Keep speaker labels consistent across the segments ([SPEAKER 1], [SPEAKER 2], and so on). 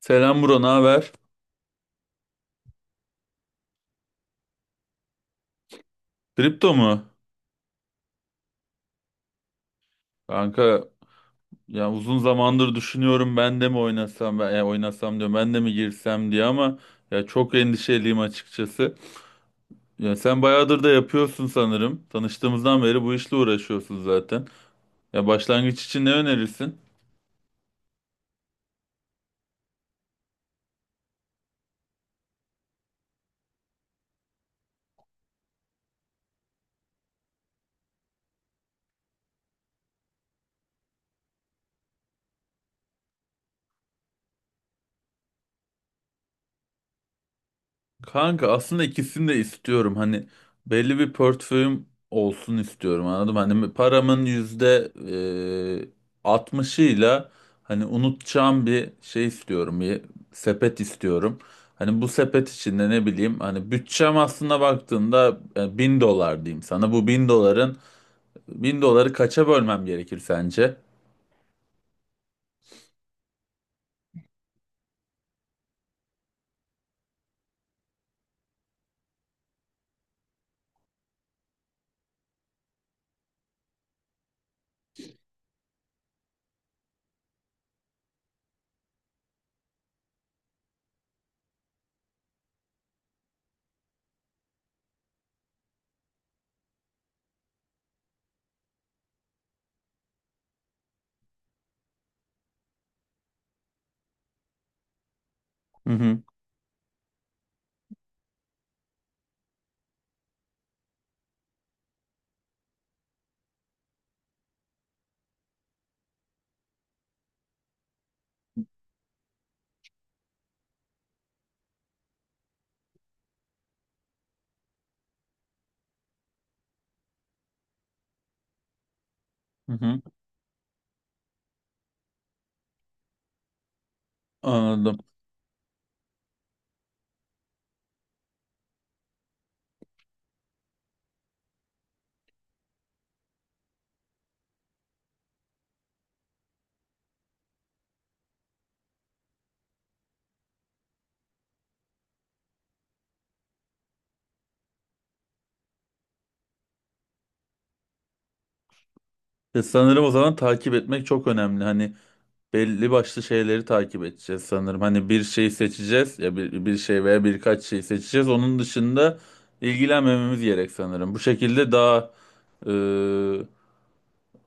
[SPEAKER 1] Selam bro, ne haber? Kripto mu? Kanka, ya uzun zamandır düşünüyorum, ben de mi oynasam, ben ya oynasam diyorum, ben de mi girsem diye, ama ya çok endişeliyim açıkçası. Ya sen bayağıdır da yapıyorsun sanırım. Tanıştığımızdan beri bu işle uğraşıyorsun zaten. Ya başlangıç için ne önerirsin? Kanka, aslında ikisini de istiyorum. Hani belli bir portföyüm olsun istiyorum, anladım. Hani paramın %60'ıyla, hani unutacağım bir şey istiyorum. Bir sepet istiyorum. Hani bu sepet içinde, ne bileyim, hani bütçem aslında baktığında, 1.000 dolar diyeyim sana. Bu bin doları kaça bölmem gerekir sence? Hı hı. Hı hı. Anladım. Ya sanırım o zaman takip etmek çok önemli. Hani belli başlı şeyleri takip edeceğiz sanırım. Hani bir şey seçeceğiz, ya bir şey veya birkaç şey seçeceğiz. Onun dışında ilgilenmememiz gerek sanırım. Bu şekilde daha e,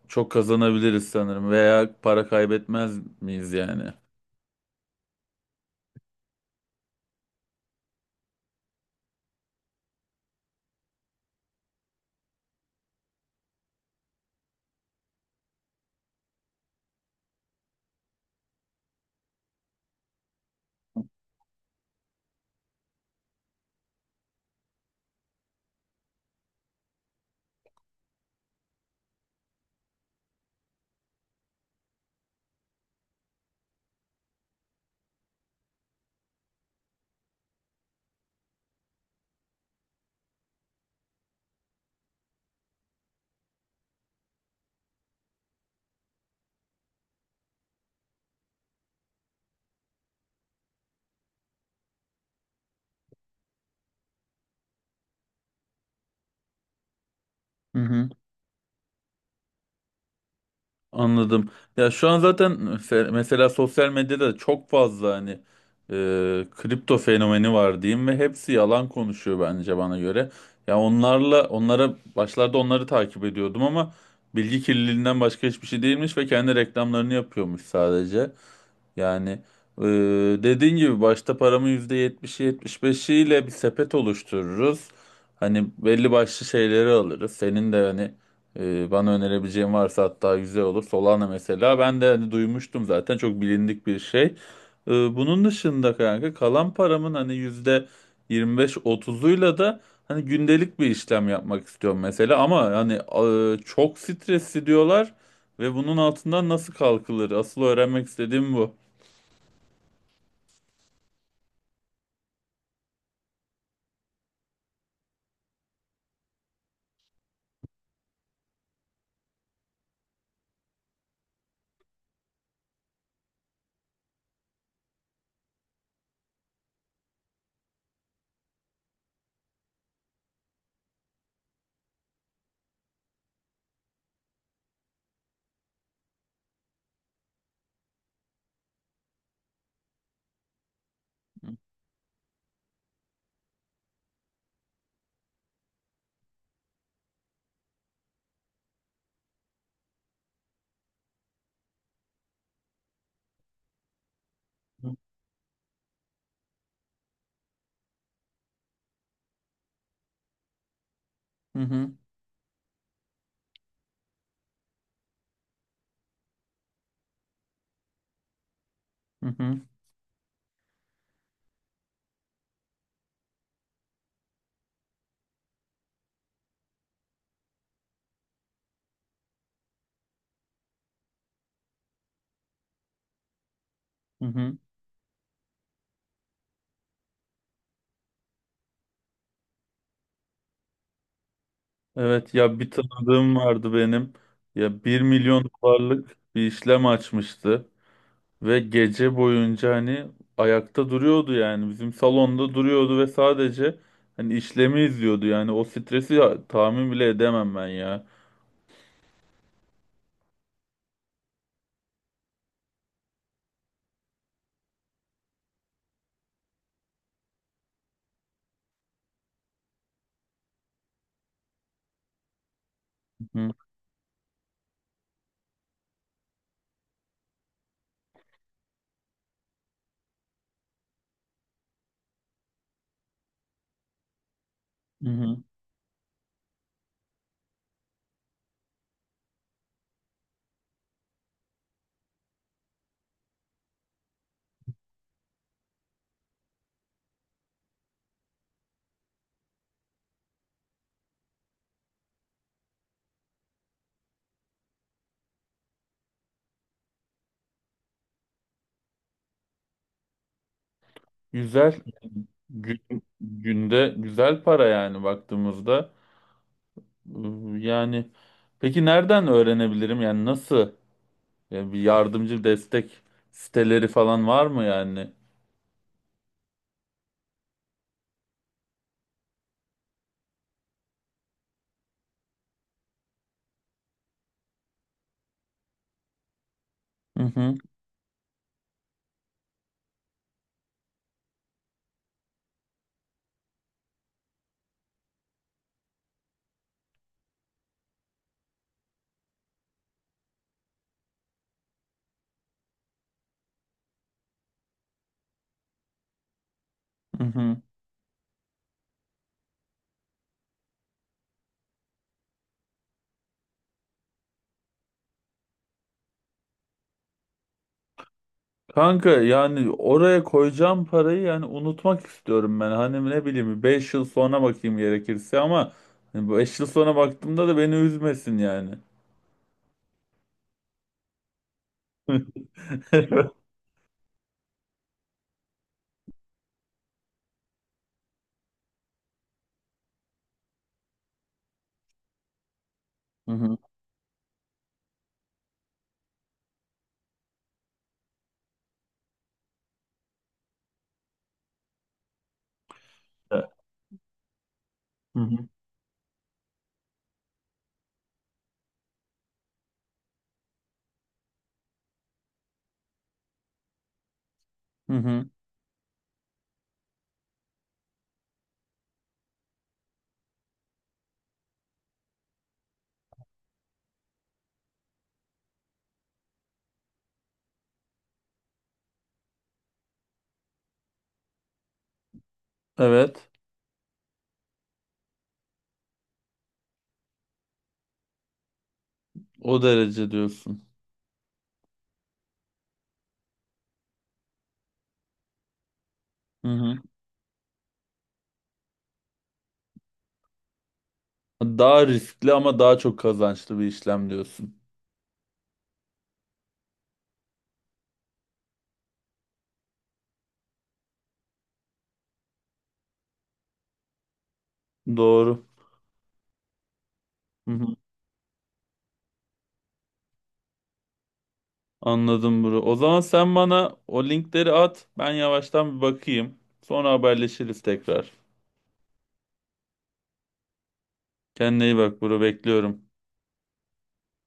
[SPEAKER 1] çok kazanabiliriz sanırım, veya para kaybetmez miyiz yani? Hı hı. Anladım. Ya şu an zaten mesela sosyal medyada çok fazla, hani kripto fenomeni var diyeyim ve hepsi yalan konuşuyor bence, bana göre. Ya onlara başlarda onları takip ediyordum, ama bilgi kirliliğinden başka hiçbir şey değilmiş ve kendi reklamlarını yapıyormuş sadece. Yani e, dediğin gibi başta paramı yetmiş beşiyle bir sepet oluştururuz. Hani belli başlı şeyleri alırız. Senin de hani bana önerebileceğin varsa hatta güzel olur. Solana mesela, ben de hani duymuştum zaten, çok bilindik bir şey. Bunun dışında kanka, kalan paramın hani yüzde yirmi beş otuzuyla da hani gündelik bir işlem yapmak istiyorum mesela. Ama hani çok stresli diyorlar. Ve bunun altından nasıl kalkılır? Asıl öğrenmek istediğim bu. Hı hı, hı hı, hı hı. Evet, ya bir tanıdığım vardı benim. Ya 1 milyon dolarlık bir işlem açmıştı ve gece boyunca hani ayakta duruyordu, yani bizim salonda duruyordu ve sadece hani işlemi izliyordu, yani o stresi tahmin bile edemem ben ya. Hı hı. Hı. Güzel. Gün- Günde güzel para yani baktığımızda. Yani peki nereden öğrenebilirim, yani nasıl? Yani bir yardımcı destek siteleri falan var mı yani? Hı hı, hı hı. Kanka, yani oraya koyacağım parayı yani unutmak istiyorum ben. Hani ne bileyim, 5 yıl sonra bakayım gerekirse, ama hani bu 5 yıl sonra baktığımda da beni üzmesin yani. Hı hı. Hı hı. Hı hı. Evet. O derece diyorsun. Hı hı. Daha riskli ama daha çok kazançlı bir işlem diyorsun. Doğru. Anladım bro. O zaman sen bana o linkleri at. Ben yavaştan bir bakayım. Sonra haberleşiriz tekrar. Kendine iyi bak bro. Bekliyorum.